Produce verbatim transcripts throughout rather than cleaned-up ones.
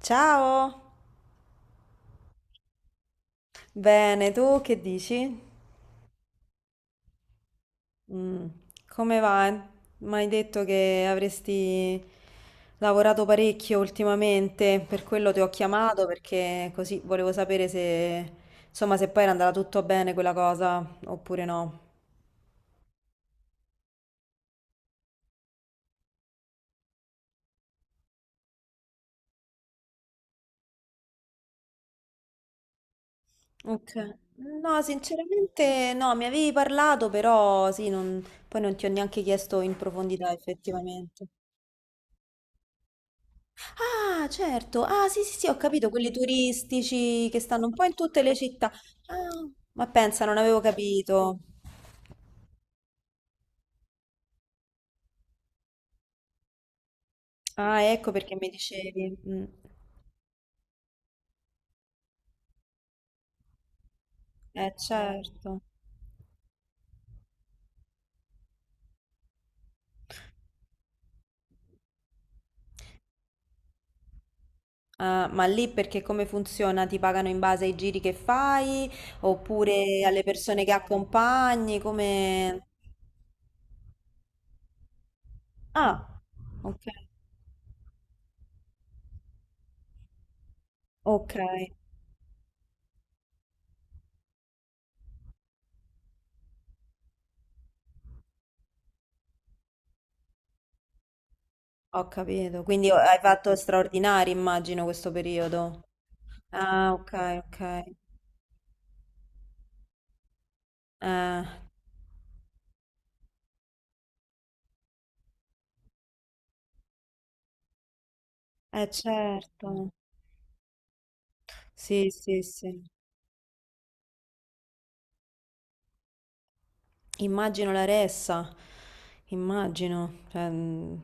Ciao! Bene, tu che dici? Mm, come va? Mi hai detto che avresti lavorato parecchio ultimamente, per quello ti ho chiamato perché così volevo sapere se, insomma, se poi era andata tutto bene quella cosa oppure no. Ok. No, sinceramente no, mi avevi parlato, però sì, non- poi non ti ho neanche chiesto in profondità effettivamente. Ah, certo. Ah, sì, sì, sì, ho capito, quelli turistici che stanno un po' in tutte le città. Ah, ma pensa, non avevo capito. Ah, ecco perché mi dicevi. Mm. Eh, certo. Ah, ma lì perché come funziona? Ti pagano in base ai giri che fai oppure alle persone che accompagni? Come... Ah, ok. Ok, ho capito. Quindi hai fatto straordinari, immagino, questo periodo. Ah, ok, ok. Eh, eh certo, sì, sì, sì. Immagino la ressa, immagino. Cioè, mm.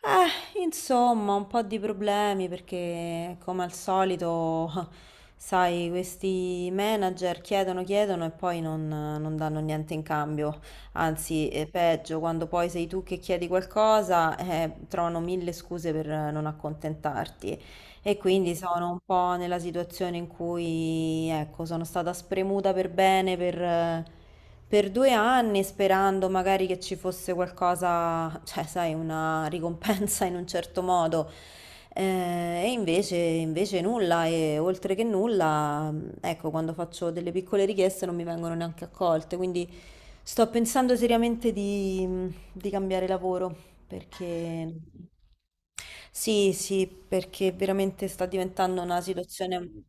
Eh, insomma, un po' di problemi perché come al solito, sai, questi manager chiedono, chiedono e poi non, non danno niente in cambio. Anzi, è peggio, quando poi sei tu che chiedi qualcosa, eh, trovano mille scuse per non accontentarti. E quindi sono un po' nella situazione in cui, ecco, sono stata spremuta per bene per per due anni sperando magari che ci fosse qualcosa, cioè, sai, una ricompensa in un certo modo. Eh, e invece, invece nulla, e oltre che nulla, ecco, quando faccio delle piccole richieste non mi vengono neanche accolte, quindi sto pensando seriamente di, di cambiare lavoro, perché sì, sì, perché veramente sta diventando una situazione...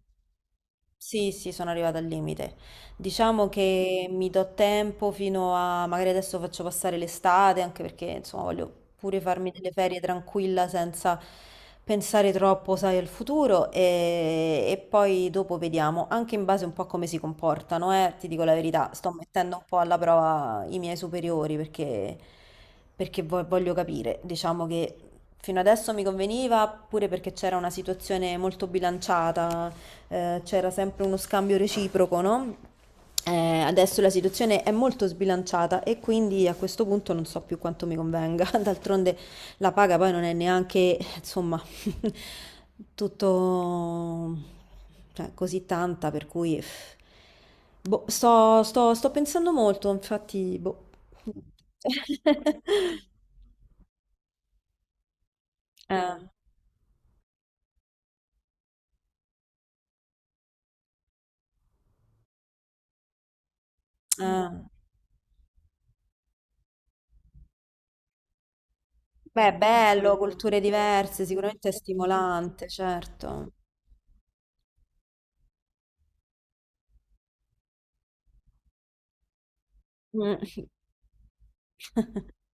Sì, sì, sono arrivata al limite. Diciamo che mi do tempo fino a, magari adesso faccio passare l'estate, anche perché insomma voglio pure farmi delle ferie tranquilla senza pensare troppo, sai, al futuro e, e poi dopo vediamo, anche in base un po' a come si comportano, eh, ti dico la verità, sto mettendo un po' alla prova i miei superiori perché, perché vo- voglio capire, diciamo che fino adesso mi conveniva pure perché c'era una situazione molto bilanciata, eh, c'era sempre uno scambio reciproco, no? Eh, adesso la situazione è molto sbilanciata e quindi a questo punto non so più quanto mi convenga. D'altronde la paga poi non è neanche, insomma, tutto cioè, così tanta, per cui pff, boh, sto, sto- sto pensando molto, infatti, boh. Eh, eh. Beh, è bello, culture diverse, sicuramente è stimolante, certo. Mm.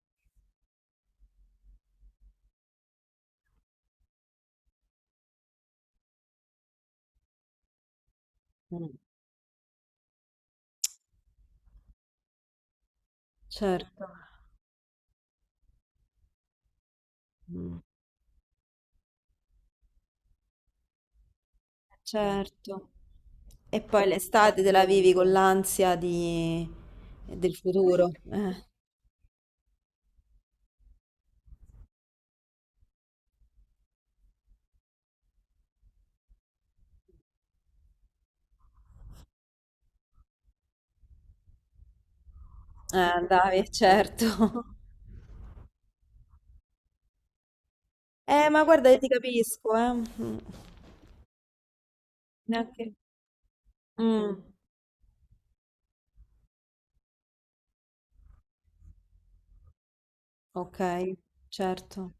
Mm. Certo. Mm. Certo. E poi l'estate te la vivi con l'ansia di... del futuro. Eh, eh, dai, certo. Eh, ma guarda, io ti capisco, eh. Mm. Neanche... Mm. Ok, certo.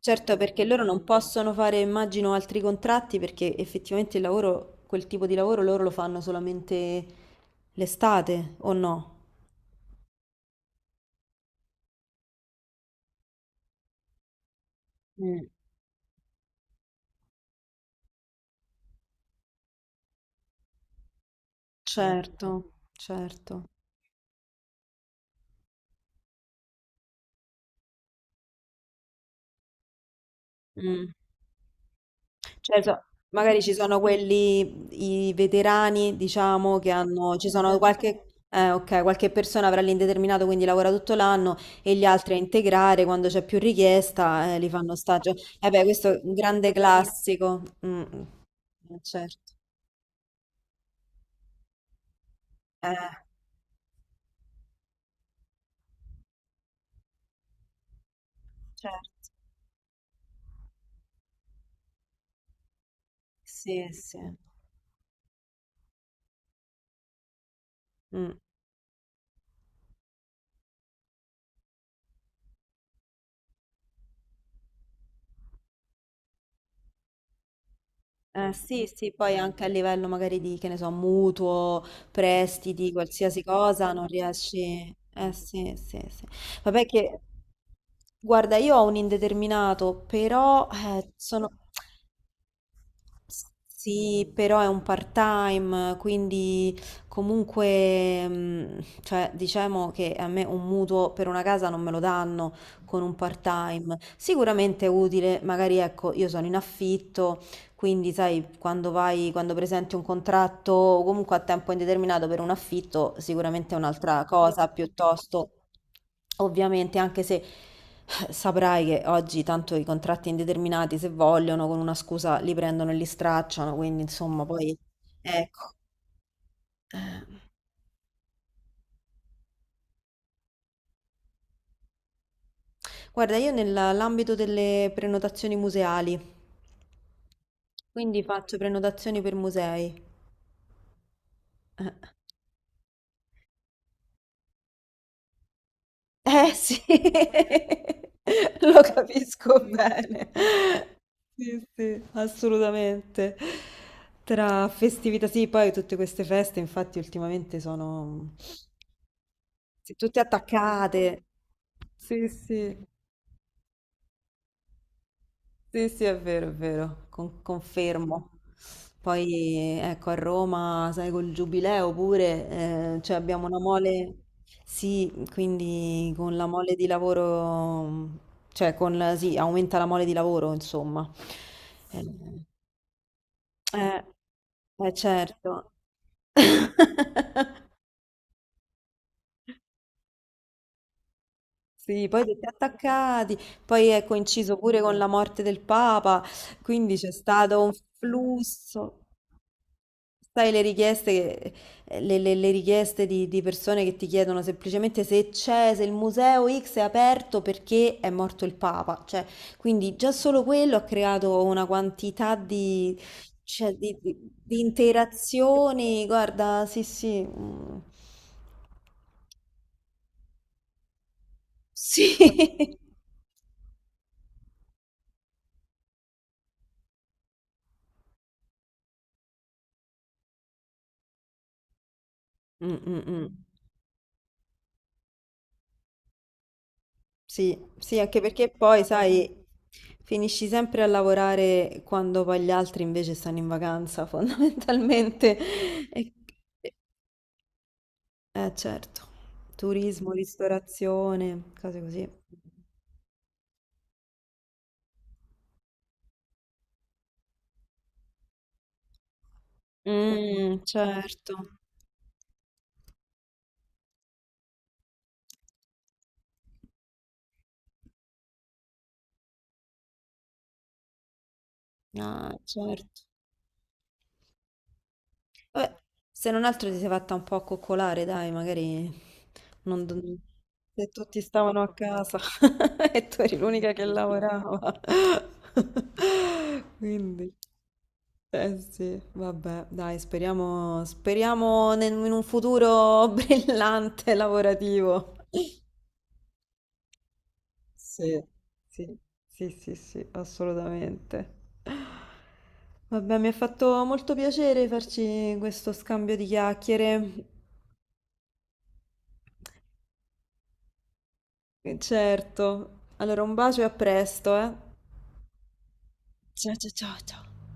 Certo, perché loro non possono fare, immagino, altri contratti perché effettivamente il lavoro, quel tipo di lavoro loro lo fanno solamente l'estate, o no? Mm, certo, certo. Mm. Cioè, so- Magari ci sono quelli, i veterani, diciamo, che hanno, ci sono qualche, eh, ok, qualche persona avrà l'indeterminato, quindi lavora tutto l'anno, e gli altri a integrare quando c'è più richiesta, eh, li fanno stagio. Eh beh, questo è un grande classico. Mm, mm, certo. Eh, certo. Sì, sì. Mh. Eh, sì, sì, poi anche a livello magari di, che ne so, mutuo, prestiti, qualsiasi cosa, non riesci... Eh sì, sì, sì. Vabbè che, guarda, io ho un indeterminato, però eh, sono... Sì, però è un part-time, quindi comunque, mm, cioè, diciamo che a me un mutuo per una casa non me lo danno con un part-time. Sicuramente è utile, magari ecco, io sono in affitto. Quindi, sai, quando vai, quando presenti un contratto o comunque a tempo indeterminato per un affitto, sicuramente è un'altra cosa piuttosto. Ovviamente, anche se eh, saprai che oggi tanto i contratti indeterminati, se vogliono, con una scusa li prendono e li stracciano, quindi insomma, poi ecco. Eh, guarda, io nell'ambito delle prenotazioni museali, quindi faccio prenotazioni per musei. Eh. Eh sì, lo capisco bene. Sì, sì, assolutamente. Tra festività, sì, poi tutte queste feste, infatti, ultimamente sono sì, tutte attaccate. Sì, sì. Sì, sì, è vero, è vero, con- confermo. Poi ecco, a Roma, sai, col giubileo pure, eh, cioè abbiamo una mole, sì, quindi con la mole di lavoro, cioè con, la- sì, aumenta la mole di lavoro, insomma. Eh, eh, eh, certo. Sì, poi tutti attaccati, poi è coinciso pure con la morte del Papa, quindi c'è stato un flusso. Sai, le richieste, che- le, le- le richieste di, di persone che ti chiedono semplicemente se c'è, se il museo X è aperto perché è morto il Papa. Cioè, quindi già solo quello ha creato una quantità di, cioè, di, di- di interazioni. Guarda, sì, sì. Mm. Sì. Mm, mm, mm. Sì, sì, anche perché poi, sai, finisci sempre a lavorare quando poi gli altri invece stanno in vacanza, fondamentalmente. E, eh, certo, turismo, ristorazione, cose così. Mm, certo, ah, certo. Vabbè, se non altro ti sei fatta un po' accoccolare, dai, magari non... non- se tutti stavano a casa e tu eri l'unica che lavorava. Quindi, eh sì, vabbè, dai, speriamo, speriamo nel- in un futuro brillante lavorativo. Sì, sì, sì, sì, sì, assolutamente. Vabbè, mi ha fatto molto piacere farci questo scambio di chiacchiere. Eh, Certo. Allora, un bacio e a presto, eh. Ciao ciao ciao ciao.